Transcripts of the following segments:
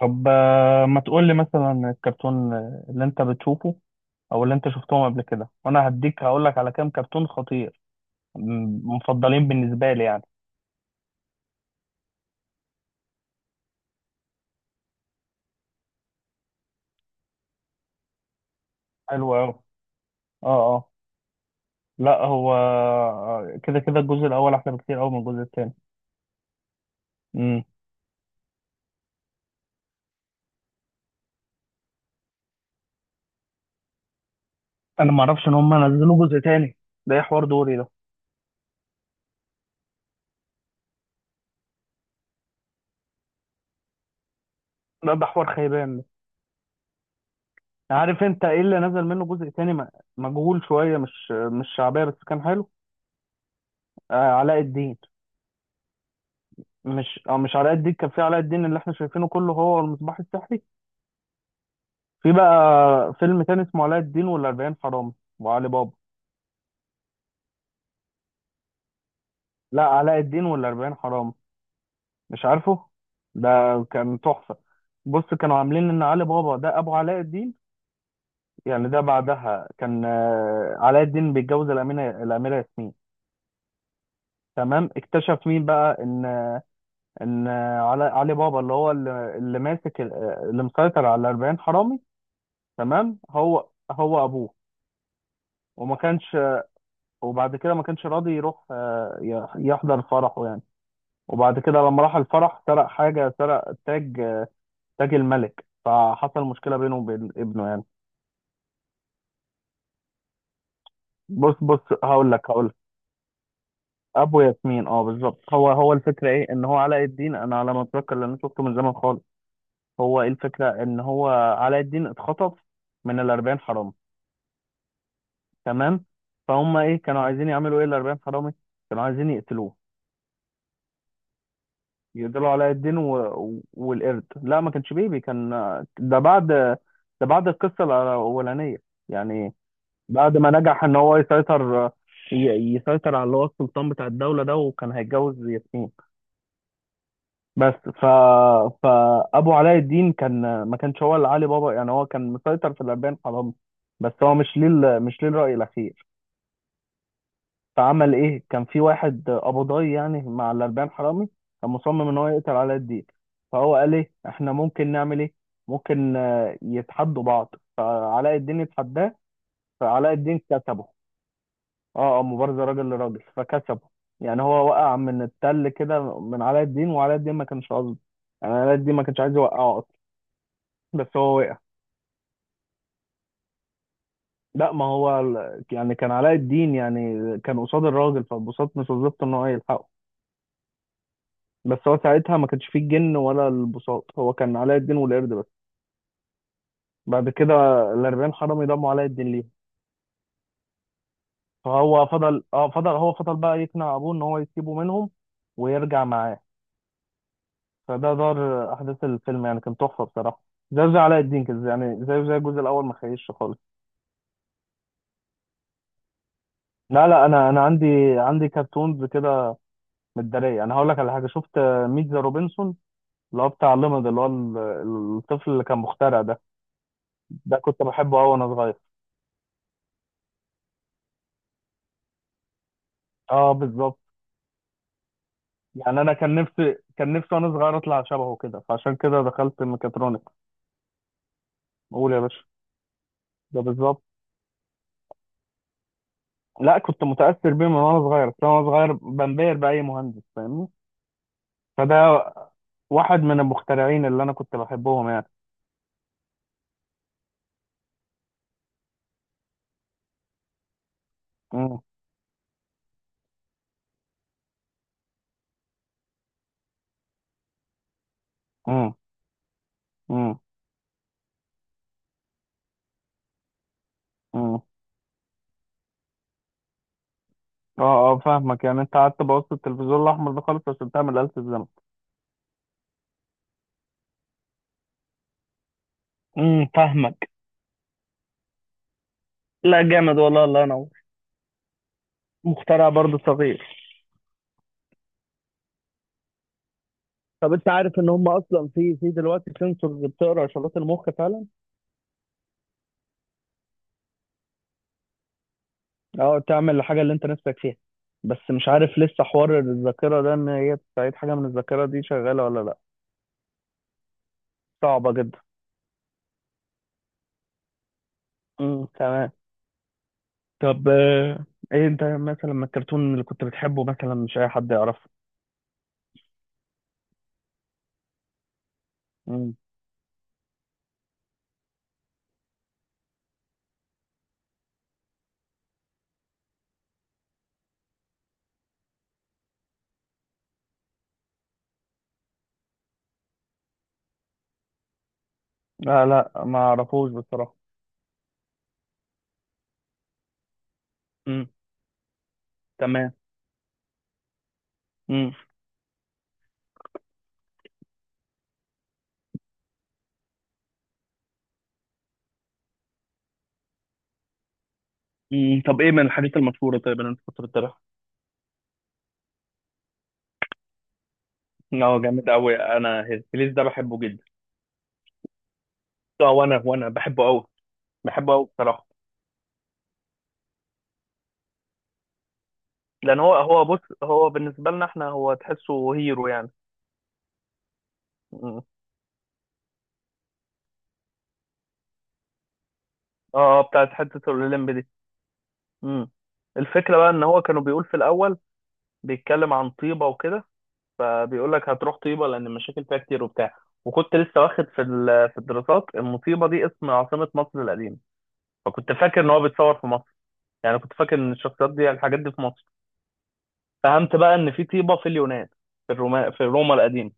طب ما تقول لي مثلا الكرتون اللي انت بتشوفه، او اللي انت شفتهم قبل كده، وانا هديك هقول لك على كام كرتون خطير مفضلين بالنسبه لي يعني. حلو قوي. اه. اه. لا هو كده كده الجزء الاول احلى بكتير قوي من الجزء الثاني. امم. انا ما اعرفش ان هم نزلوا جزء تاني. ده ايه حوار دوري ده؟ لا ده حوار خيبان ده. عارف انت ايه اللي نزل منه جزء تاني مجهول شويه، مش شعبيه، بس كان حلو. علاء الدين. مش علاء الدين، كان في علاء الدين اللي احنا شايفينه كله هو المصباح السحري. في بقى فيلم تاني اسمه علاء الدين والأربعين حرامي وعلي بابا. لا علاء الدين والأربعين حرامي، مش عارفه. ده كان تحفة. بص كانوا عاملين ان علي بابا ده ابو علاء الدين، يعني ده بعدها كان علاء الدين بيتجوز الأميرة ياسمين. تمام، اكتشف مين بقى ان ان علي بابا اللي هو اللي ماسك اللي مسيطر على 40 حرامي. تمام هو هو ابوه. وما كانش، وبعد كده ما كانش راضي يروح يحضر فرحه يعني. وبعد كده لما راح الفرح سرق حاجة، سرق تاج تاج الملك، فحصل مشكلة بينه وبين ابنه يعني. بص بص، هقول لك. أبو ياسمين، اه بالظبط. هو هو، الفكرة ايه ان هو علاء الدين، انا على ما اتذكر لان شفته من زمان خالص. هو ايه الفكرة ان هو علاء الدين اتخطف من الأربعين حرامي، تمام. فهم ايه كانوا عايزين يعملوا؟ ايه الأربعين حرامي كانوا عايزين؟ يقتلوه، يقتلوا علاء الدين والقرد. لا ما كانش بيبي، كان ده بعد ده بعد القصة الأولانية يعني. بعد ما نجح إن هو ي- يسيطر على اللي هو السلطان بتاع الدولة ده، وكان هيتجوز ياسمين. بس فأبو علاء الدين، كان ما كانش هو اللي علي بابا يعني، هو كان مسيطر في الأربعين حرامي، بس هو مش ليه الرأي الأخير. فعمل ايه؟ كان في واحد قبضاي يعني مع الاربعين حرامي، كان مصمم ان هو يقتل علاء الدين. فهو قال ايه احنا ممكن نعمل؟ ايه ممكن يتحدوا بعض، فعلاء الدين اتحداه، فعلاء الدين كسبه. اه. اه، مبارزه راجل لراجل فكسبه يعني. هو وقع من التل كده من علاء الدين، وعلاء الدين ما كانش قصده، يعني علاء الدين ما كانش عايز يوقعه اصلا. بس هو وقع. لا، ما هو يعني كان علاء الدين يعني كان قصاد الراجل، فبساط مش وظيفته ان هو يلحقه، بس هو ساعتها ما كانش فيه الجن ولا البساط، هو كان علاء الدين والقرد بس. بعد كده الأربعين حرامي ضموا علاء الدين ليهم، فهو فضل بقى يقنع أبوه إن هو يسيبه منهم ويرجع معاه. فده دار أحداث الفيلم يعني، كان تحفة بصراحة. زي علاء الدين كده يعني، زي الجزء الأول ما خيش خالص. لا لا، أنا عندي كرتونز كده متدارية. أنا هقول لك على حاجة شفت: ميت ذا روبنسون، اللي هو بتاع ليمد، اللي هو الطفل اللي كان مخترع ده. ده كنت بحبه أوي وأنا صغير. اه بالظبط. يعني انا كان نفسي وانا صغير اطلع شبهه كده، فعشان كده دخلت ميكاترونكس. قول يا باشا. ده بالظبط. لا كنت متاثر بيه من وانا صغير، بس أنا وانا صغير بنبهر باي مهندس فاهمني. فده واحد من المخترعين اللي انا كنت بحبهم يعني. امم. امم. امم. امم. اه اه فاهمك. يعني انت قعدت بوظت التلفزيون الاحمر ده خالص عشان تعمل آلة الزمن. فاهمك. لا، جامد والله، الله ينور. مخترع برضه صغير. طب انت عارف ان هم اصلا في دلوقتي سنسورز بتقرا اشارات المخ فعلا؟ اه، تعمل الحاجة اللي انت نفسك فيها. بس مش عارف لسه حوار الذاكرة ده ان هي بتعيد حاجة من الذاكرة دي شغالة ولا لا. صعبة جدا. تمام. طب ايه انت مثلا من الكرتون اللي كنت بتحبه مثلا مش اي حد يعرفه؟ امم. لا لا، ما اعرفوش بصراحة. امم. تمام. امم. امم. طب ايه من الحاجات المشهورة طيب اللي انت كنت بتتابعها؟ اه جامد قوي، انا هيركليس ده بحبه جدا. اه، وانا بحبه قوي، بحبه قوي بصراحة. لان هو هو بص، هو بالنسبة لنا احنا هو تحسه هيرو يعني. اه اه، بتاعت حتة الأوليمب دي. امم. الفكرة بقى ان هو كانوا بيقول في الأول بيتكلم عن طيبة وكده، فبيقول لك هتروح طيبة لأن المشاكل فيها كتير وبتاع. وكنت لسه واخد في الدراسات ان طيبة دي اسم عاصمة مصر القديمة، فكنت فاكر ان هو بيتصور في مصر، يعني كنت فاكر ان الشخصيات دي الحاجات دي في مصر. فهمت بقى ان في طيبة في اليونان، في روما القديمة.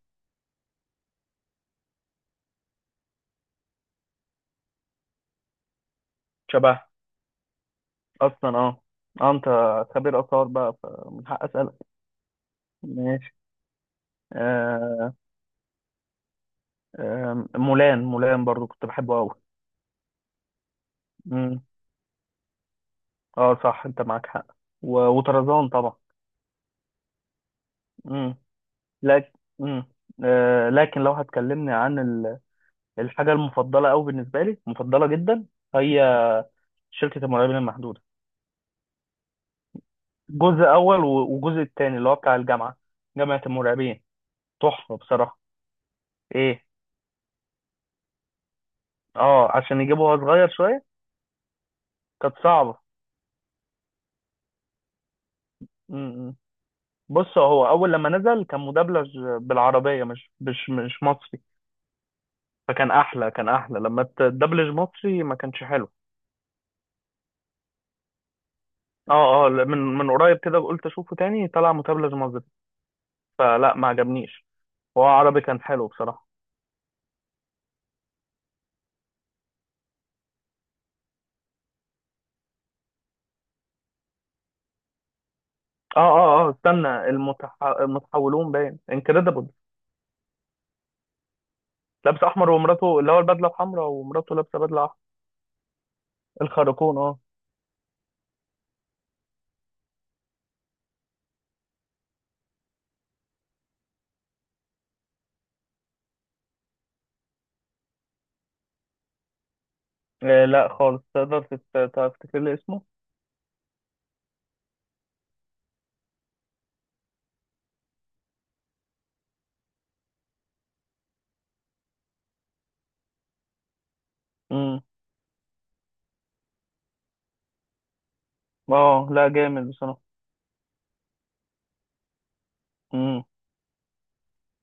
شبه. اصلا اه. اه، انت خبير آثار بقى فمن حق أسألك. ماشي. آه مولان برضو كنت بحبه قوي. اه صح انت معاك حق. وطرزان طبعا. امم. لكن امم، لكن لو هتكلمني عن الحاجه المفضله قوي بالنسبه لي، مفضله جدا هي شركه المرعبين المحدوده. جزء اول وجزء التاني اللي هو بتاع الجامعه، جامعه المرعبين، تحفه بصراحه. ايه؟ اه، عشان يجيبوها صغير شويه، كانت صعبه. امم. بص هو اول لما نزل كان مدبلج بالعربيه، مش مصري، فكان احلى، كان احلى لما تدبلج مصري ما كانش حلو. اه اه لا، من قريب كده قلت اشوفه تاني طلع متابلة مظبط، فلا ما عجبنيش. هو عربي كان حلو بصراحة. اه اه اه، استنى، المتحولون باين، انكريدبل، لابس احمر ومراته، اللي هو البدلة الحمراء ومراته لابسة بدلة احمر. الخارقون، اه. لا خالص، تقدر تفتكر لي اسمه؟ امم. اه لا، جامد بصراحة. امم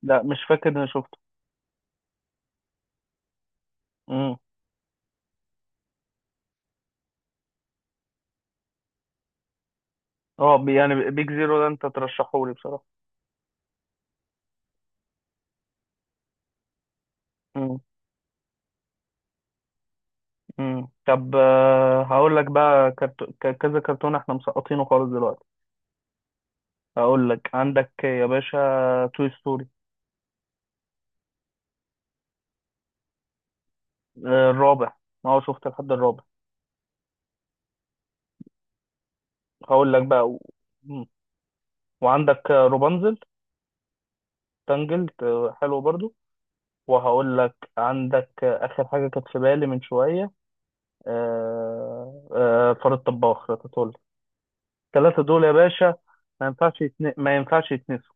لا مش فاكر اني شفته. امم. اه يعني بيج زيرو ده انت ترشحه لي بصراحة؟ امم. مم. طب هقول لك بقى كذا كرتون احنا مسقطينه خالص دلوقتي. هقول لك عندك يا باشا: توي ستوري. الرابع. اه شفت لحد الرابع. هقول لك بقى مم. وعندك روبانزل، تانجلد، حلو برضو. وهقول لك عندك اخر حاجه كانت في بالي من شويه: فار الطباخ راتاتولي. الثلاثه دول يا باشا ما ينفعش يتنسوا.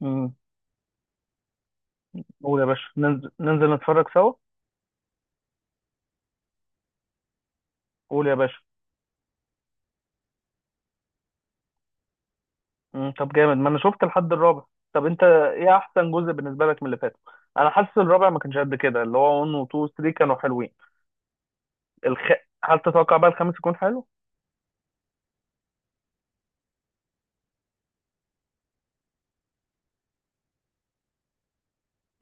مم. قول يا باشا، ننزل نتفرج سوا. قول يا باشا. مم، طب جامد، ما انا شفت الحد الرابع. طب انت ايه احسن جزء بالنسبه لك من اللي فاتوا؟ انا حاسس الرابع ما كانش قد كده، اللي هو 1 و 2 و 3 كانوا حلوين. الخ... هل تتوقع بقى الخامس يكون حلو؟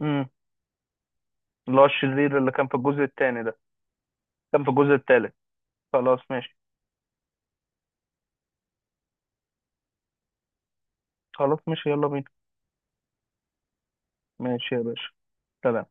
امم. اللي هو الشرير اللي كان في الجزء الثاني ده، كان في الجزء الثالث. خلاص ماشي. خلاص ماشي، يلا بينا. ماشي يا باشا. سلام.